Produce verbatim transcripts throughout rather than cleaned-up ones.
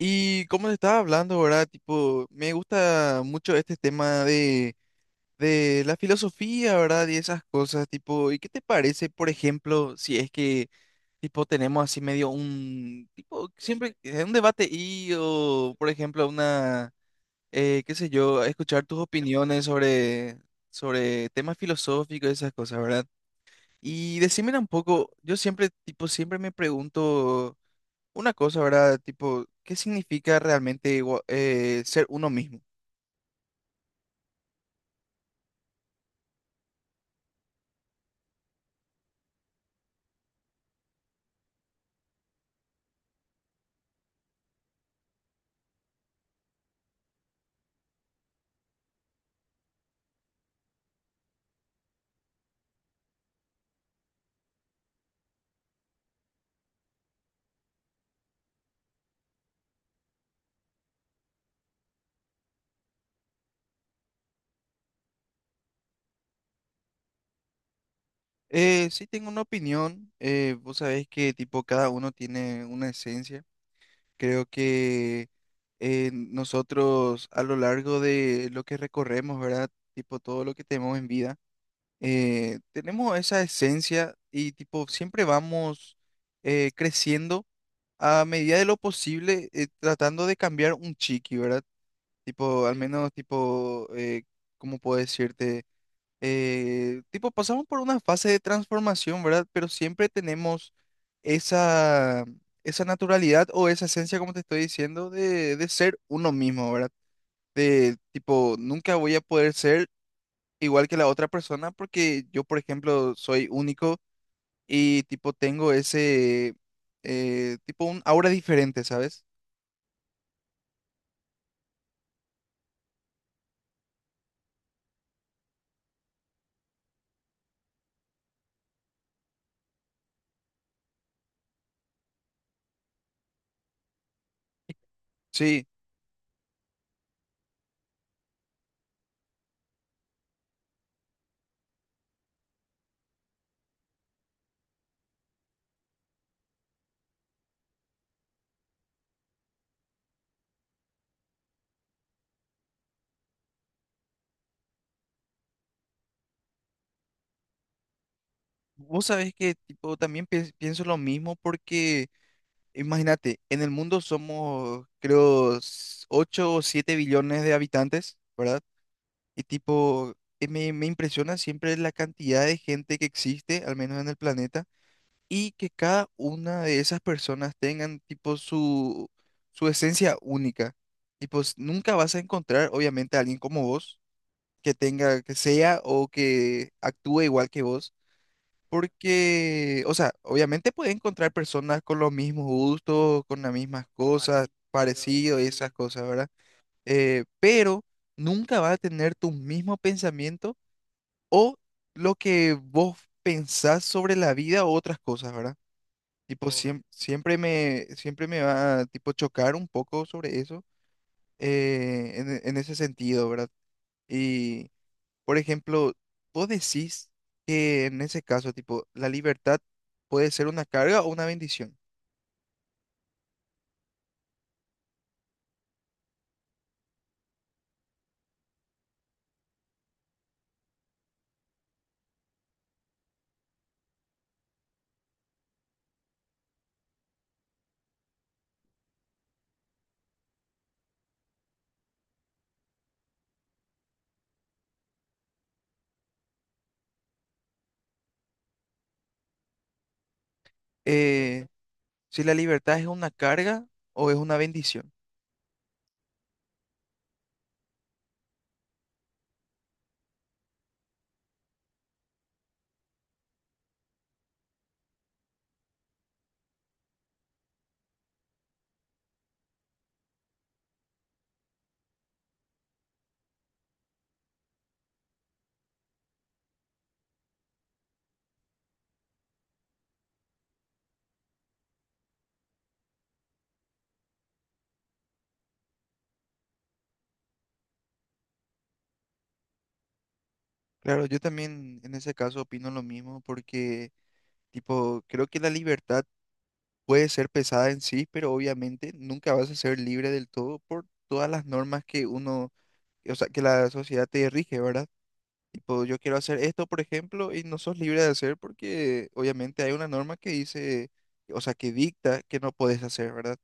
Y como te estaba hablando, ¿verdad? Tipo, me gusta mucho este tema de, de la filosofía, ¿verdad? Y esas cosas, tipo, ¿y qué te parece, por ejemplo, si es que, tipo, tenemos así medio un, tipo, siempre eh, un debate y, o, por ejemplo, una, eh, qué sé yo, escuchar tus opiniones sobre, sobre temas filosóficos, y esas cosas, ¿verdad? Y decímela un poco, yo siempre, tipo, siempre me pregunto. Una cosa, ¿verdad? Tipo, ¿qué significa realmente igua- eh, ser uno mismo? Eh, sí tengo una opinión, eh, vos sabés que tipo cada uno tiene una esencia. Creo que eh, nosotros a lo largo de lo que recorremos, ¿verdad? Tipo todo lo que tenemos en vida, eh, tenemos esa esencia y tipo siempre vamos eh, creciendo a medida de lo posible eh, tratando de cambiar un chiqui, ¿verdad? Tipo, al menos, tipo, eh, ¿cómo puedo decirte? Eh, tipo, pasamos por una fase de transformación, ¿verdad? Pero siempre tenemos esa, esa naturalidad o esa esencia, como te estoy diciendo, de, de ser uno mismo, ¿verdad? De tipo, nunca voy a poder ser igual que la otra persona porque yo, por ejemplo, soy único y tipo, tengo ese, eh, tipo, un aura diferente, ¿sabes? Sí. Vos sabés que tipo, también pi- pienso lo mismo porque, imagínate, en el mundo somos, creo, ocho o siete billones de habitantes, ¿verdad? Y tipo, eh, me, me impresiona siempre la cantidad de gente que existe, al menos en el planeta, y que cada una de esas personas tengan tipo su, su esencia única. Y pues nunca vas a encontrar, obviamente, a alguien como vos, que tenga, que sea o que actúe igual que vos porque, o sea, obviamente puedes encontrar personas con los mismos gustos, con las mismas cosas, parecido, y sí, esas cosas, ¿verdad? Eh, pero nunca vas a tener tu mismo pensamiento o lo que vos pensás sobre la vida o otras cosas, ¿verdad? Tipo, o- siem- siempre me, siempre me va a, tipo, chocar un poco sobre eso, eh, en, e- en ese sentido, ¿verdad? Por ejemplo, vos decís que en ese caso, tipo, la libertad puede ser una carga o una bendición. Eh, si la libertad es una carga o es una bendición. Claro, yo también en ese caso opino lo mismo porque, tipo, creo que la libertad puede ser pesada en sí, pero obviamente nunca vas a ser libre del todo por todas las normas que uno, o sea, que la sociedad te rige, ¿verdad? Tipo, yo quiero hacer esto, por ejemplo, y no sos libre de hacer porque obviamente hay una norma que dice, o sea, que dicta que no podés hacer, ¿verdad?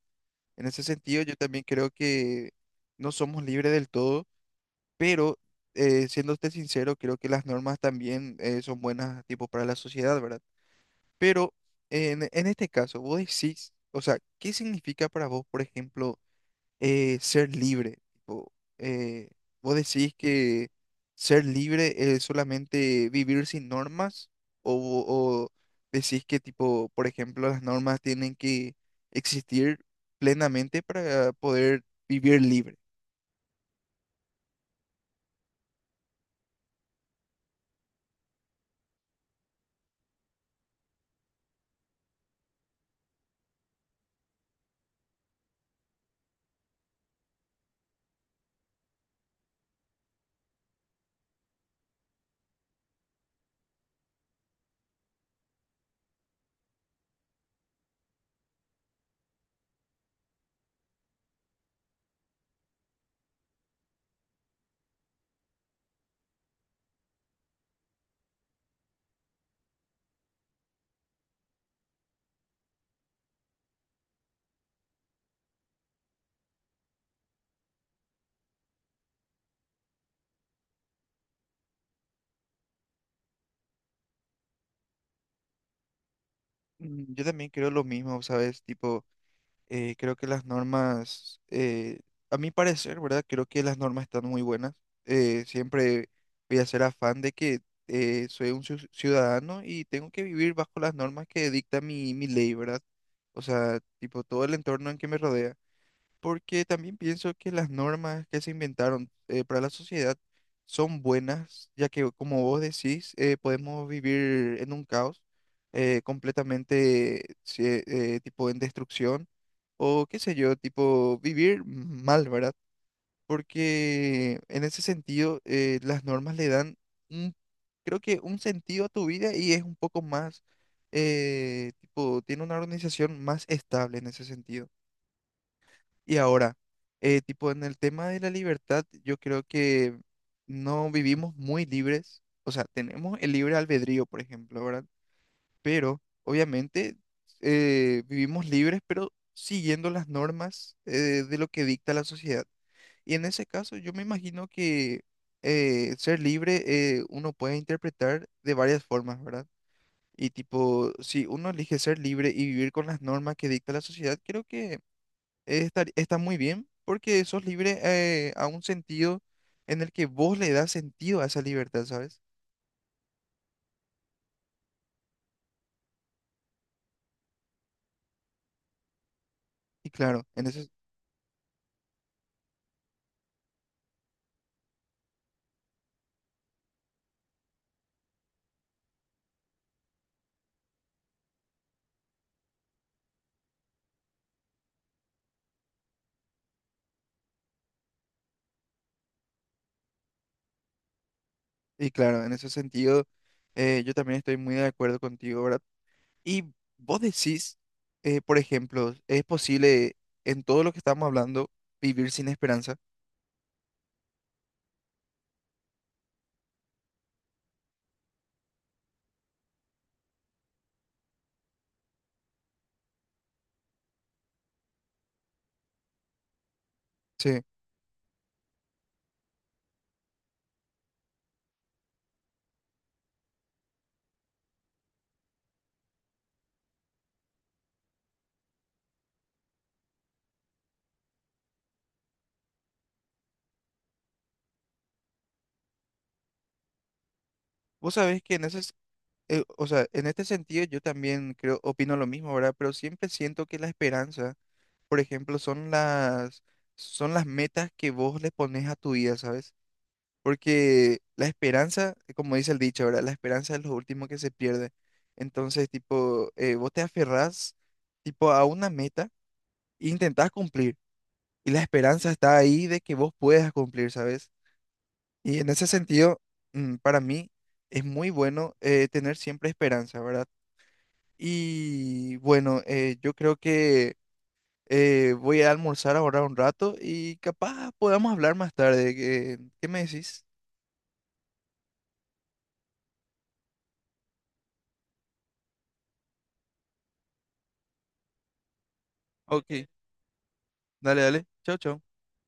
En ese sentido, yo también creo que no somos libres del todo, pero eh, siéndote sincero, creo que las normas también eh, son buenas, tipo, para la sociedad, ¿verdad? Pero en, en este caso, vos decís, o sea, ¿qué significa para vos, por ejemplo? eh, ser libre. Tipo, eh, ¿vos decís que ser libre es solamente vivir sin normas? ¿O, o decís que, tipo, por ejemplo, las normas tienen que existir plenamente para poder vivir libre? Mm, yo también creo lo mismo, ¿sabes? Tipo, Eh, creo que las normas, eh, a mi parecer, ¿verdad? Creo que las normas están muy buenas. Eh, siempre voy a ser afán de que eh, soy un ciu- ciudadano y tengo que vivir bajo las normas que dicta mi, mi ley, ¿verdad? O sea, tipo todo el entorno en que me rodea porque también pienso que las normas que se inventaron eh, para la sociedad son buenas, ya que como vos decís, eh, podemos vivir en un caos eh, completamente sí, eh, tipo en destrucción o qué sé yo, tipo vivir mal, ¿verdad? Porque en ese sentido eh, las normas le dan un, creo que un sentido a tu vida y es un poco más, eh, tipo, tiene una organización más estable en ese sentido. Y ahora, eh, tipo en el tema de la libertad, yo creo que no vivimos muy libres, o sea, tenemos el libre albedrío, por ejemplo, ¿verdad? Pero obviamente eh, vivimos libres, pero siguiendo las normas eh, de lo que dicta la sociedad. Y en ese caso, yo me imagino que eh, ser libre eh, uno puede interpretar de varias formas, ¿verdad? Y tipo, si uno elige ser libre y vivir con las normas que dicta la sociedad, creo que estar- está muy bien porque sos libre eh, a un sentido en el que vos le das sentido a esa libertad, ¿sabes? Y claro, en ese, y claro, en ese sentido eh, yo también estoy muy de acuerdo contigo, ¿verdad? Y vos decís, eh, por ejemplo, ¿es posible en todo lo que estamos hablando vivir sin esperanza? Sí. Vos sabés que en ese, s- eh, o sea, en este sentido yo también creo, opino lo mismo, ¿verdad? Pero siempre siento que la esperanza por ejemplo, son las, son las metas que vos le pones a tu vida, ¿sabes? Porque la esperanza, como dice el dicho, ¿verdad? La esperanza es lo último que se pierde. Entonces, tipo, eh, vos te aferrás, tipo, a una meta e intentás cumplir. Y la esperanza está ahí de que vos puedas cumplir, ¿sabes? Y en ese sentido, mm, para mí, es muy bueno eh, tener siempre esperanza, ¿verdad? Y bueno, eh, yo creo que Eh, voy a almorzar ahora un rato y capaz podamos hablar más tarde. ¿Qué, qué me decís? Ok, dale, dale. Chau, chau.